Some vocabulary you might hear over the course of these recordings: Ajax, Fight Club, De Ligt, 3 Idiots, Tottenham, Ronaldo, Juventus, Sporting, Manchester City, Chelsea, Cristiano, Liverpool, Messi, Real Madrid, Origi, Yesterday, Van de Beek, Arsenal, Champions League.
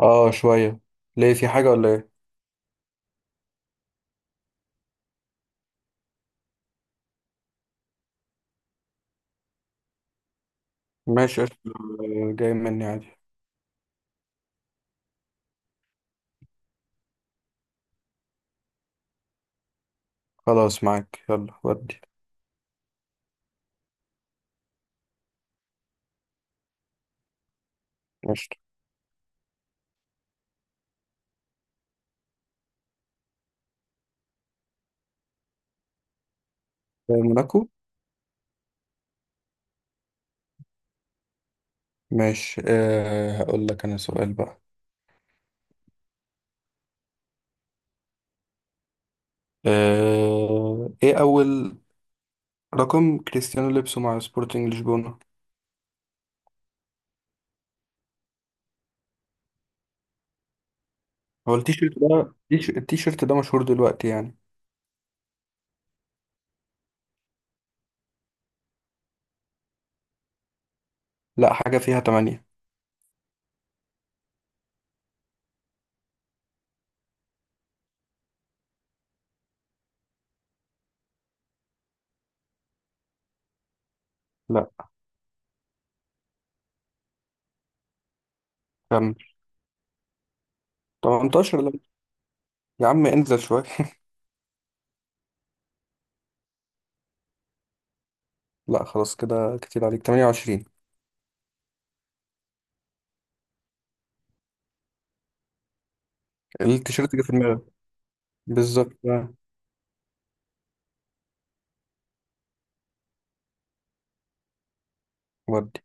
اه شوية. ليه في حاجة ولا ايه؟ ماشي قشطة. آه، جاي مني عادي. خلاص معاك يلا ودي. قشطة. آه، موناكو. ماشي، هقول لك انا سؤال بقى. ايه اول رقم كريستيانو لبسه مع سبورتنج لشبونة. هو التيشيرت ده التيشيرت ده مشهور دلوقتي يعني. لا، حاجة فيها تمانية. لا، كمل. 18 لا. يا عم انزل شوية لا خلاص كده كتير عليك، 28. التيشيرت جه في دماغك. بالظبط آه. ودي.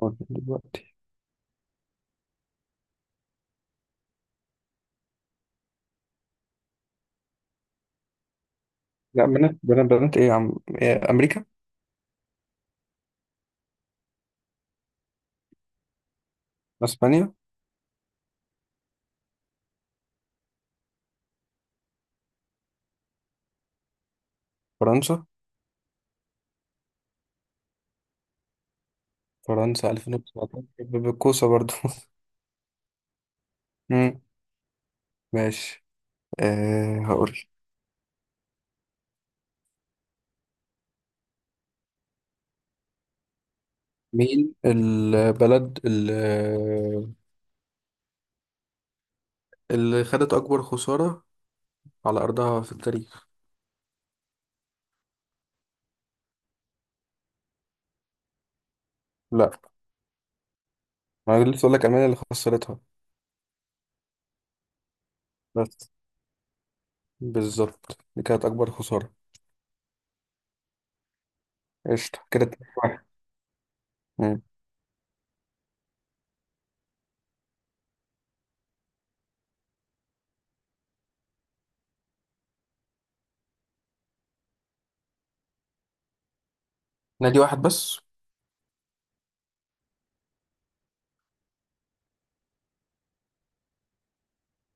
ودي دلوقتي. لا، بنات بنات بنات ايه يا عم؟ إيه، امريكا. اسبانيا. فرنسا. فرنسا 2019 بالكوسه برضو. مم. ماشي، هقول. مين البلد اللي خدت اكبر خساره على ارضها في التاريخ؟ لا، ما أنا لسه اقول لك المانيا اللي خسرتها. بس بالظبط، دي كانت اكبر خساره. قشطه كده 2 واحد. مم. نادي واحد بس؟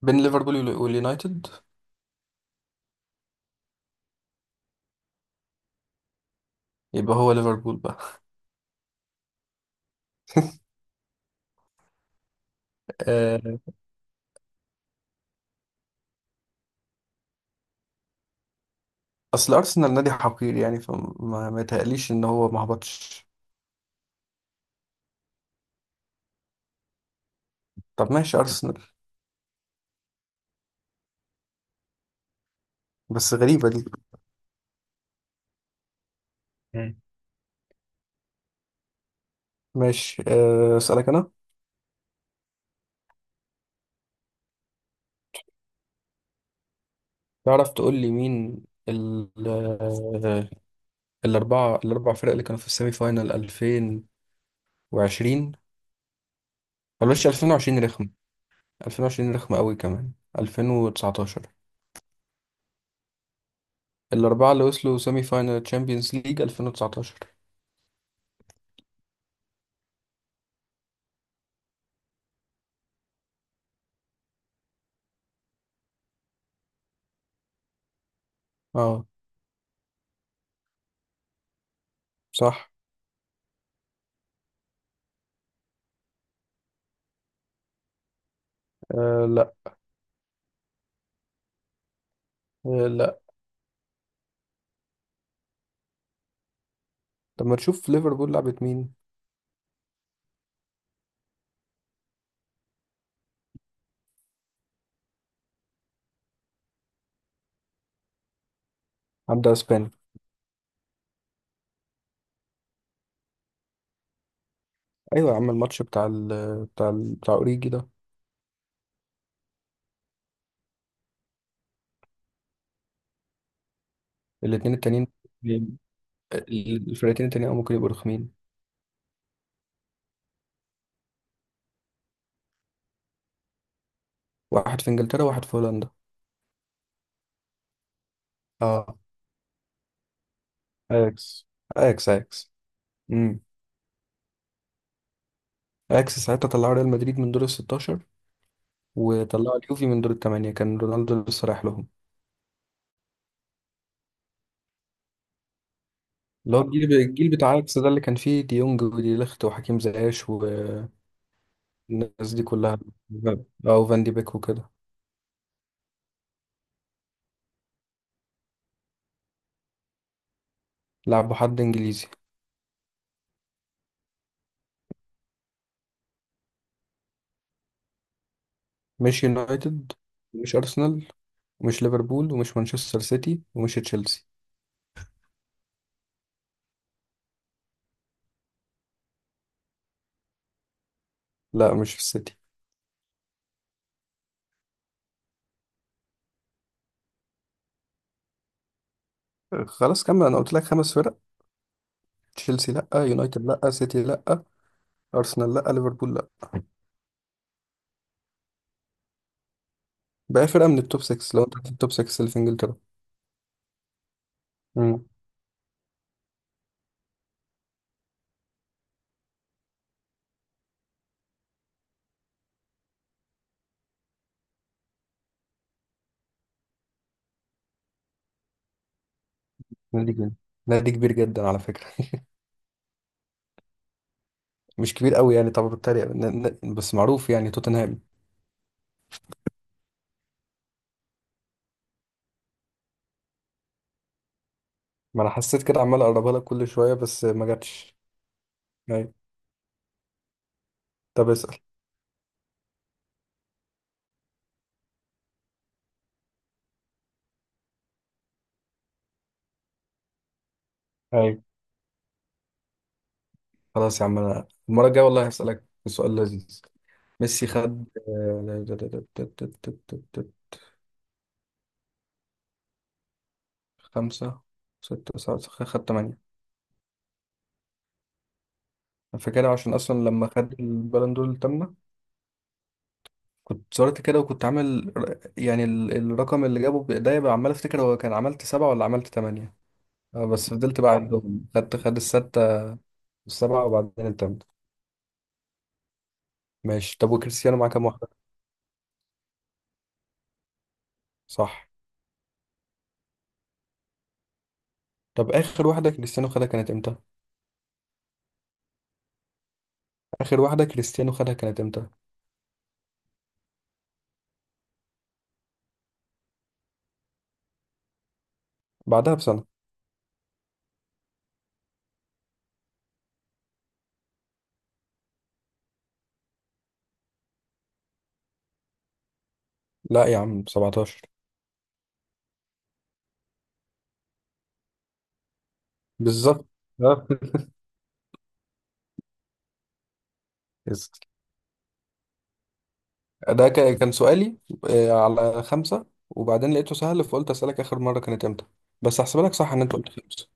بين ليفربول واليونايتد. يبقى هو ليفربول بقى. اصل ارسنال نادي حقير يعني، فما ما يتهيأليش ان هو ما هبطش. طب ماشي، ارسنال. بس غريبة دي. مم. ماشي، اسالك انا. تعرف تقول لي مين ال آه، الاربع فرق اللي كانوا في السيمي فاينال 2020؟ بلاش 2020 رخم. 2020 رخم قوي كمان. 2019. الاربعة اللي وصلوا سيمي فاينال تشامبيونز ليج 2019. اه. صح. آه لا. آه لا. طب ما تشوف ليفربول لعبت مين. عدى اسبانيا. ايوه يا عم، الماتش بتاع اوريجي ده. الاثنين التانيين. الفرقتين التانيين أو ممكن يبقوا رخمين. واحد في انجلترا وواحد في هولندا. اه. اكس اياكس اياكس. امم اياكس ساعتها طلعوا ريال مدريد من دور ال 16، وطلعوا اليوفي من دور الثمانية، كان رونالدو لسه رايح لهم. اللي هو الجيل بتاع اياكس ده اللي كان فيه ديونج ودي ليخت وحكيم زياش والناس دي كلها. اه، وفان دي بيك وكده. لعبوا حد انجليزي. مش يونايتد. مش ارسنال ومش ليفربول ومش مانشستر سيتي ومش تشيلسي. لا، مش السيتي. خلاص كمل، انا قلت لك خمس فرق. تشيلسي لا، يونايتد لا، سيتي لا، ارسنال لا، ليفربول لا. بقى فرقه من التوب 6، لو انت في التوب 6 اللي في انجلترا. امم نادي كبير. نادي كبير جدا على فكره مش كبير قوي يعني، طب بتريق بس معروف يعني، توتنهام. ما انا حسيت كده، عمال اقربها لك كل شويه بس ما جاتش. ايوه. طب اسال. ايوه. خلاص يا عم، انا المره الجايه والله هسالك سؤال لذيذ. ميسي خد خمسة، ستة، سبعة، خدت تمانية. أنا فاكرها عشان أصلا لما خد البالون دور التامنة كنت صورت كده، وكنت عامل يعني الرقم اللي جابه بإيديا بقى، عمال أفتكر هو كان عملت سبعة ولا عملت تمانية. آه، بس فضلت بقى عندهم، خد الستة، السبعة، وبعدين التامنة. ماشي، طب وكريستيانو معاه كام واحدة؟ صح. طب آخر واحدة كريستيانو خدها كانت إمتى؟ آخر واحدة كريستيانو خدها كانت إمتى؟ بعدها بسنة. لا يا عم، 17. بالظبط. ده كان سؤالي. على خمسة، وبعدين لقيته سهل فقلت أسألك آخر مرة كانت إمتى. بس هحسبها لك صح إن أنت قلت خمسة.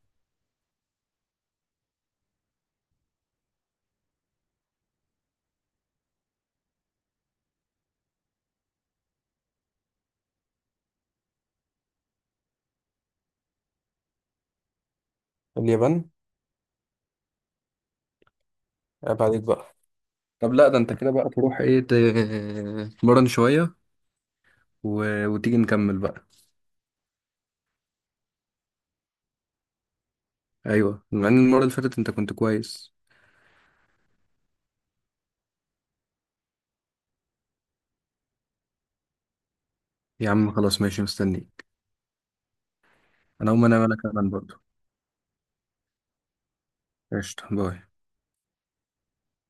اليابان. عيب عليك بقى. طب لا، ده أنت كده بقى تروح إيه، تمرن شوية و... وتيجي نكمل بقى. أيوه، مع إن المرة اللي فاتت أنت كنت كويس. يا عم خلاص، ماشي، مستنيك. أنا هقوم أنام أنا كمان برضه. قشطة باي.